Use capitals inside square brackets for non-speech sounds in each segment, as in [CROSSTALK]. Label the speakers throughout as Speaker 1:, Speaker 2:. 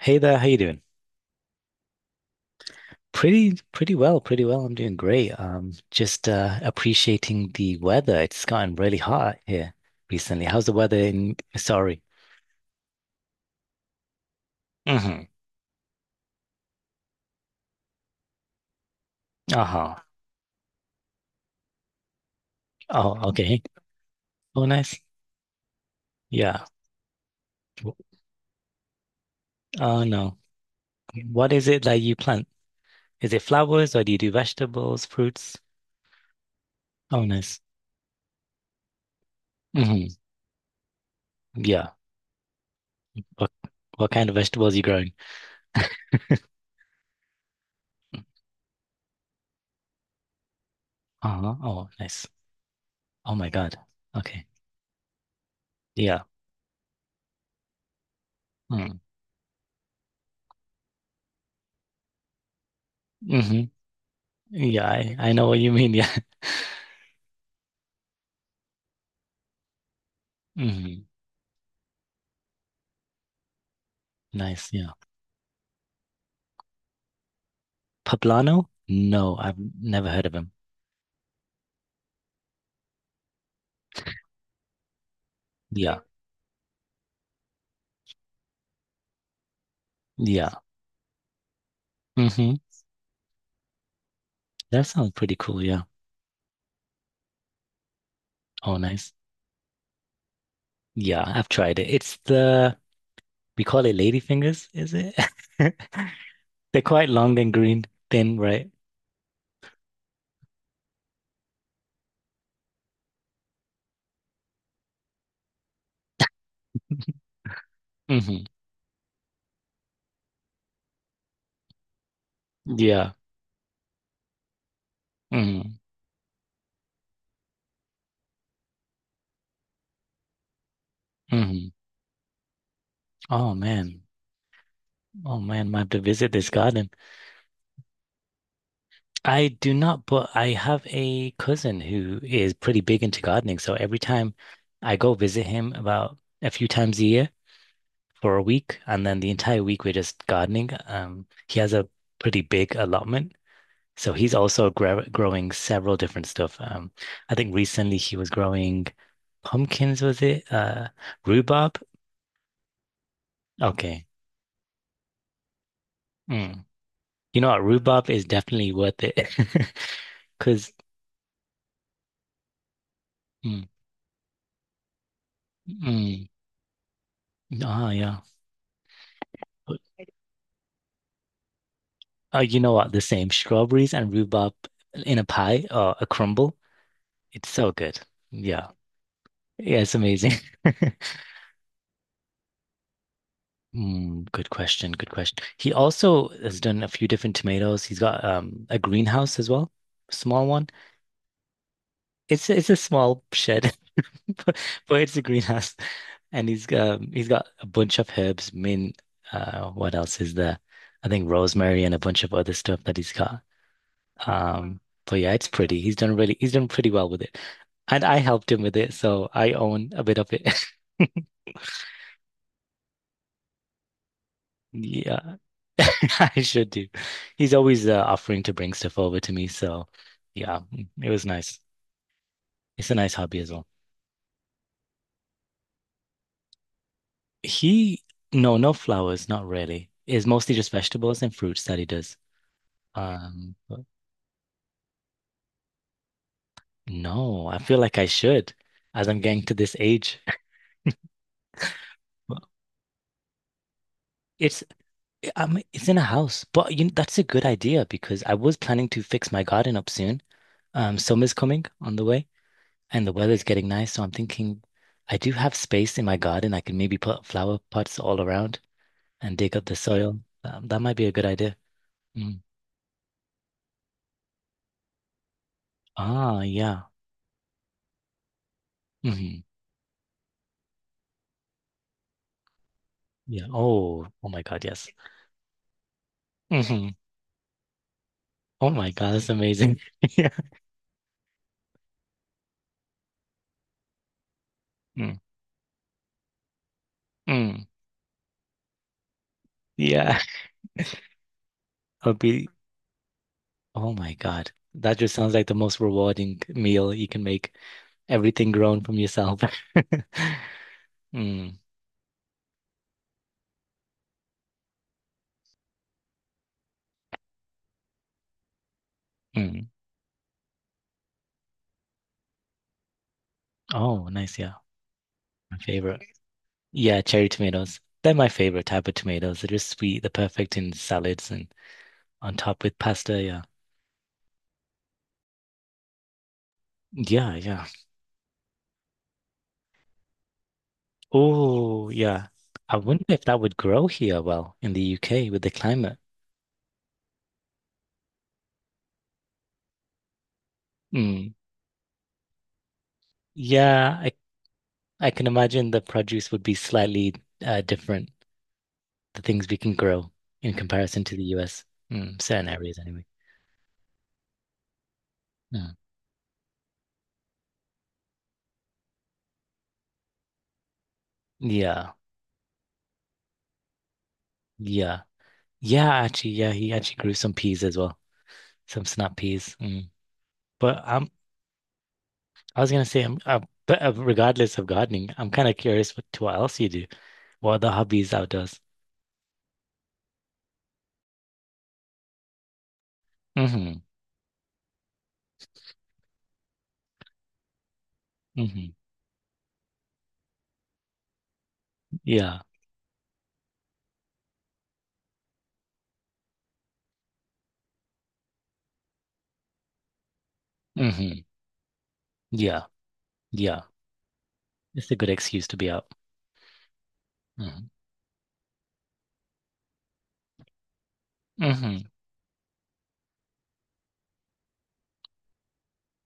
Speaker 1: Hey there, how you doing? Pretty well. I'm doing great. Just Appreciating the weather. It's gotten really hot here recently. How's the weather in? Sorry. hmm Uh-huh. Oh, okay. Oh, nice. Yeah. W- Oh no. What is it that you plant? Is it flowers or do you do vegetables, fruits? Oh, nice. Hmm. Yeah. What what kind of vegetables are you growing? Uh-huh. Oh, nice. Oh my God. Okay. Yeah. Mm. hmm Yeah, I know what you mean. [LAUGHS] Yeah. Hmm. Nice. Yeah. Poblano? No, I've never heard of him. Yeah. Really? Yeah. Hmm. That sounds pretty cool. Yeah. Oh, nice. Yeah, I've tried it. We call it ladyfingers, is it? [LAUGHS] They're quite long and green, thin, right? Hmm. Yeah. Hmm. Hmm. Oh, man. Oh, man. I have to visit this garden. I do not, but I have a cousin who is pretty big into gardening. So every time I go visit him about a few times a year, for a week, and then the entire week we're just gardening. He has a pretty big allotment, so he's also gra growing several different stuff. I think recently he was growing pumpkins, was it? Rhubarb. Okay. Mm. You know what? Rhubarb is definitely worth it [LAUGHS] because. Mm, mm, yeah. But, you know what? The same strawberries and rhubarb in a pie or a crumble. It's so good. Yeah. Yeah, it's amazing. [LAUGHS] Mm, good question. Good question. He also has done a few different tomatoes. He's got a greenhouse as well, small one. It's a small shed, [LAUGHS] but, but it's a greenhouse, and he's got a bunch of herbs. Mint. What else is there? I think rosemary and a bunch of other stuff that he's got. Um, but yeah, it's pretty. He's done pretty well with it, and I helped him with it, so I own a bit of it. [LAUGHS] Yeah, [LAUGHS] I should do. He's always offering to bring stuff over to me, so yeah, it was nice. It's a nice hobby as well. He, no, no flowers, not really. It's mostly just vegetables and fruits that he does. But No, I feel like I should, as I'm getting to this age. [LAUGHS] Well, It's it's in a house, but you know, that's a good idea because I was planning to fix my garden up soon. Summer's coming on the way. And the weather's getting nice. So I'm thinking I do have space in my garden. I can maybe put flower pots all around and dig up the soil. That might be a good idea. Mm. Ah, yeah. Hmm. Yeah. Oh, oh my God, yes. Hmm. Oh my God, that's amazing. [LAUGHS] Yeah. Mm. Mm. Yeah. [LAUGHS] I'll be, oh my God. That just sounds like the most rewarding meal you can make. Everything grown from yourself. [LAUGHS] Mm. Mm. Oh, nice. Yeah. My favorite. Yeah, cherry tomatoes. They're my favorite type of tomatoes. They're just sweet, they're perfect in salads and on top with pasta. Yeah. Yeah, yeah. Oh, yeah. I wonder if that would grow here well in the UK with the climate. Mm. Yeah, I can imagine the produce would be slightly different, the things we can grow in comparison to the US. Mm, certain areas anyway. Mm. Yeah, yeah. Yeah, actually, yeah, he actually grew some peas as well, some snap peas. Mm. But I was gonna say, I'm, but regardless of gardening, I'm kind of curious what else you do, what other hobbies outdoors. Hmm. Hmm. Yeah. Hmm. Yeah. Yeah. It's a good excuse to be out. Hmm. Hmm.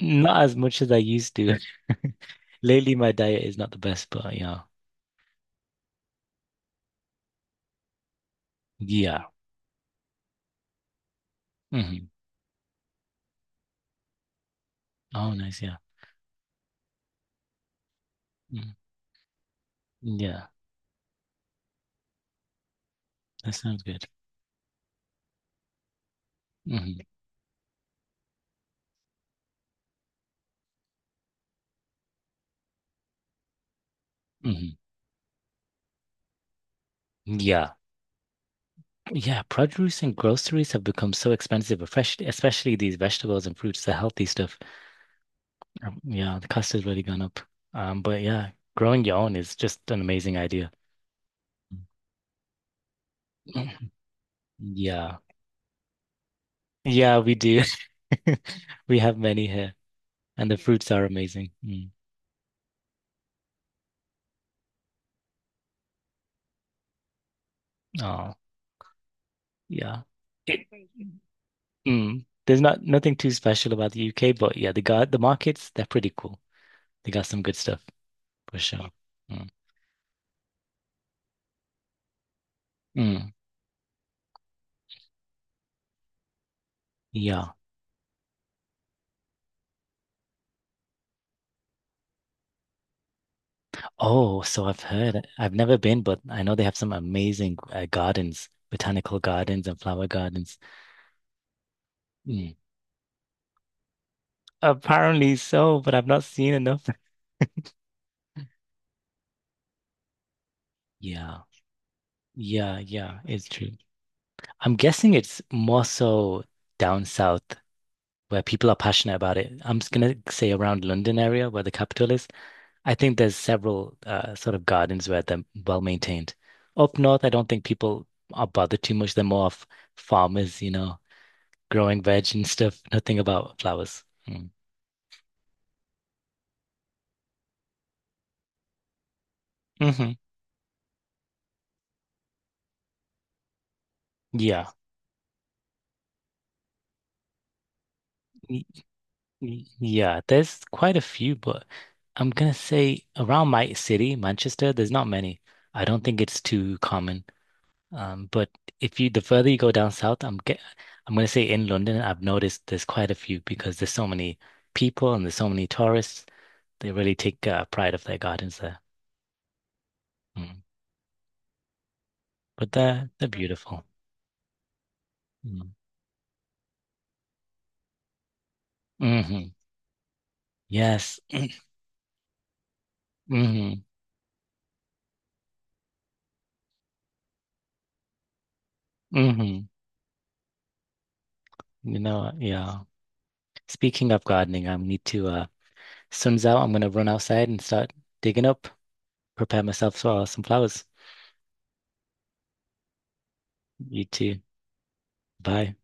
Speaker 1: Not as much as I used to. [LAUGHS] Lately, my diet is not the best, but yeah. Yeah. Hmm. Oh, nice. Yeah. Mhm. Yeah. That sounds good. Hmm. Hmm. Yeah. Yeah, produce and groceries have become so expensive, especially these vegetables and fruits, the healthy stuff. Yeah, the cost has really gone up. But Yeah, growing your own is just an amazing idea. [CLEARS THROAT] Yeah. Yeah, we do. [LAUGHS] We have many here, and the fruits are amazing. Mm. Oh, yeah. It, there's nothing too special about the UK, but yeah, the markets, they're pretty cool. They got some good stuff for sure. Mm. Mm, yeah. Oh, so I've heard. I've never been, but I know they have some amazing gardens, botanical gardens and flower gardens. Mm. Apparently so, but I've not seen enough. Yeah, yeah, it's true. I'm guessing it's more so down south where people are passionate about it. I'm just gonna say around London area where the capital is. I think there's several sort of gardens where they're well maintained. Up north, I don't think people are bothered too much. They're more of farmers, you know, growing veg and stuff. Nothing about flowers. Mm. Hmm. Yeah. Yeah, there's quite a few, but I'm gonna say around my city, Manchester, there's not many. I don't think it's too common. But If you the further you go down south, I'm gonna say in London, I've noticed there's quite a few because there's so many people and there's so many tourists. They really take pride of their gardens there. Mm. But they're beautiful. Mm. Hmm. Yes. Hmm. Hmm. You know, yeah. Speaking of gardening, I need to Sun's out, I'm gonna run outside and start digging up, prepare myself for some flowers. You too. Bye.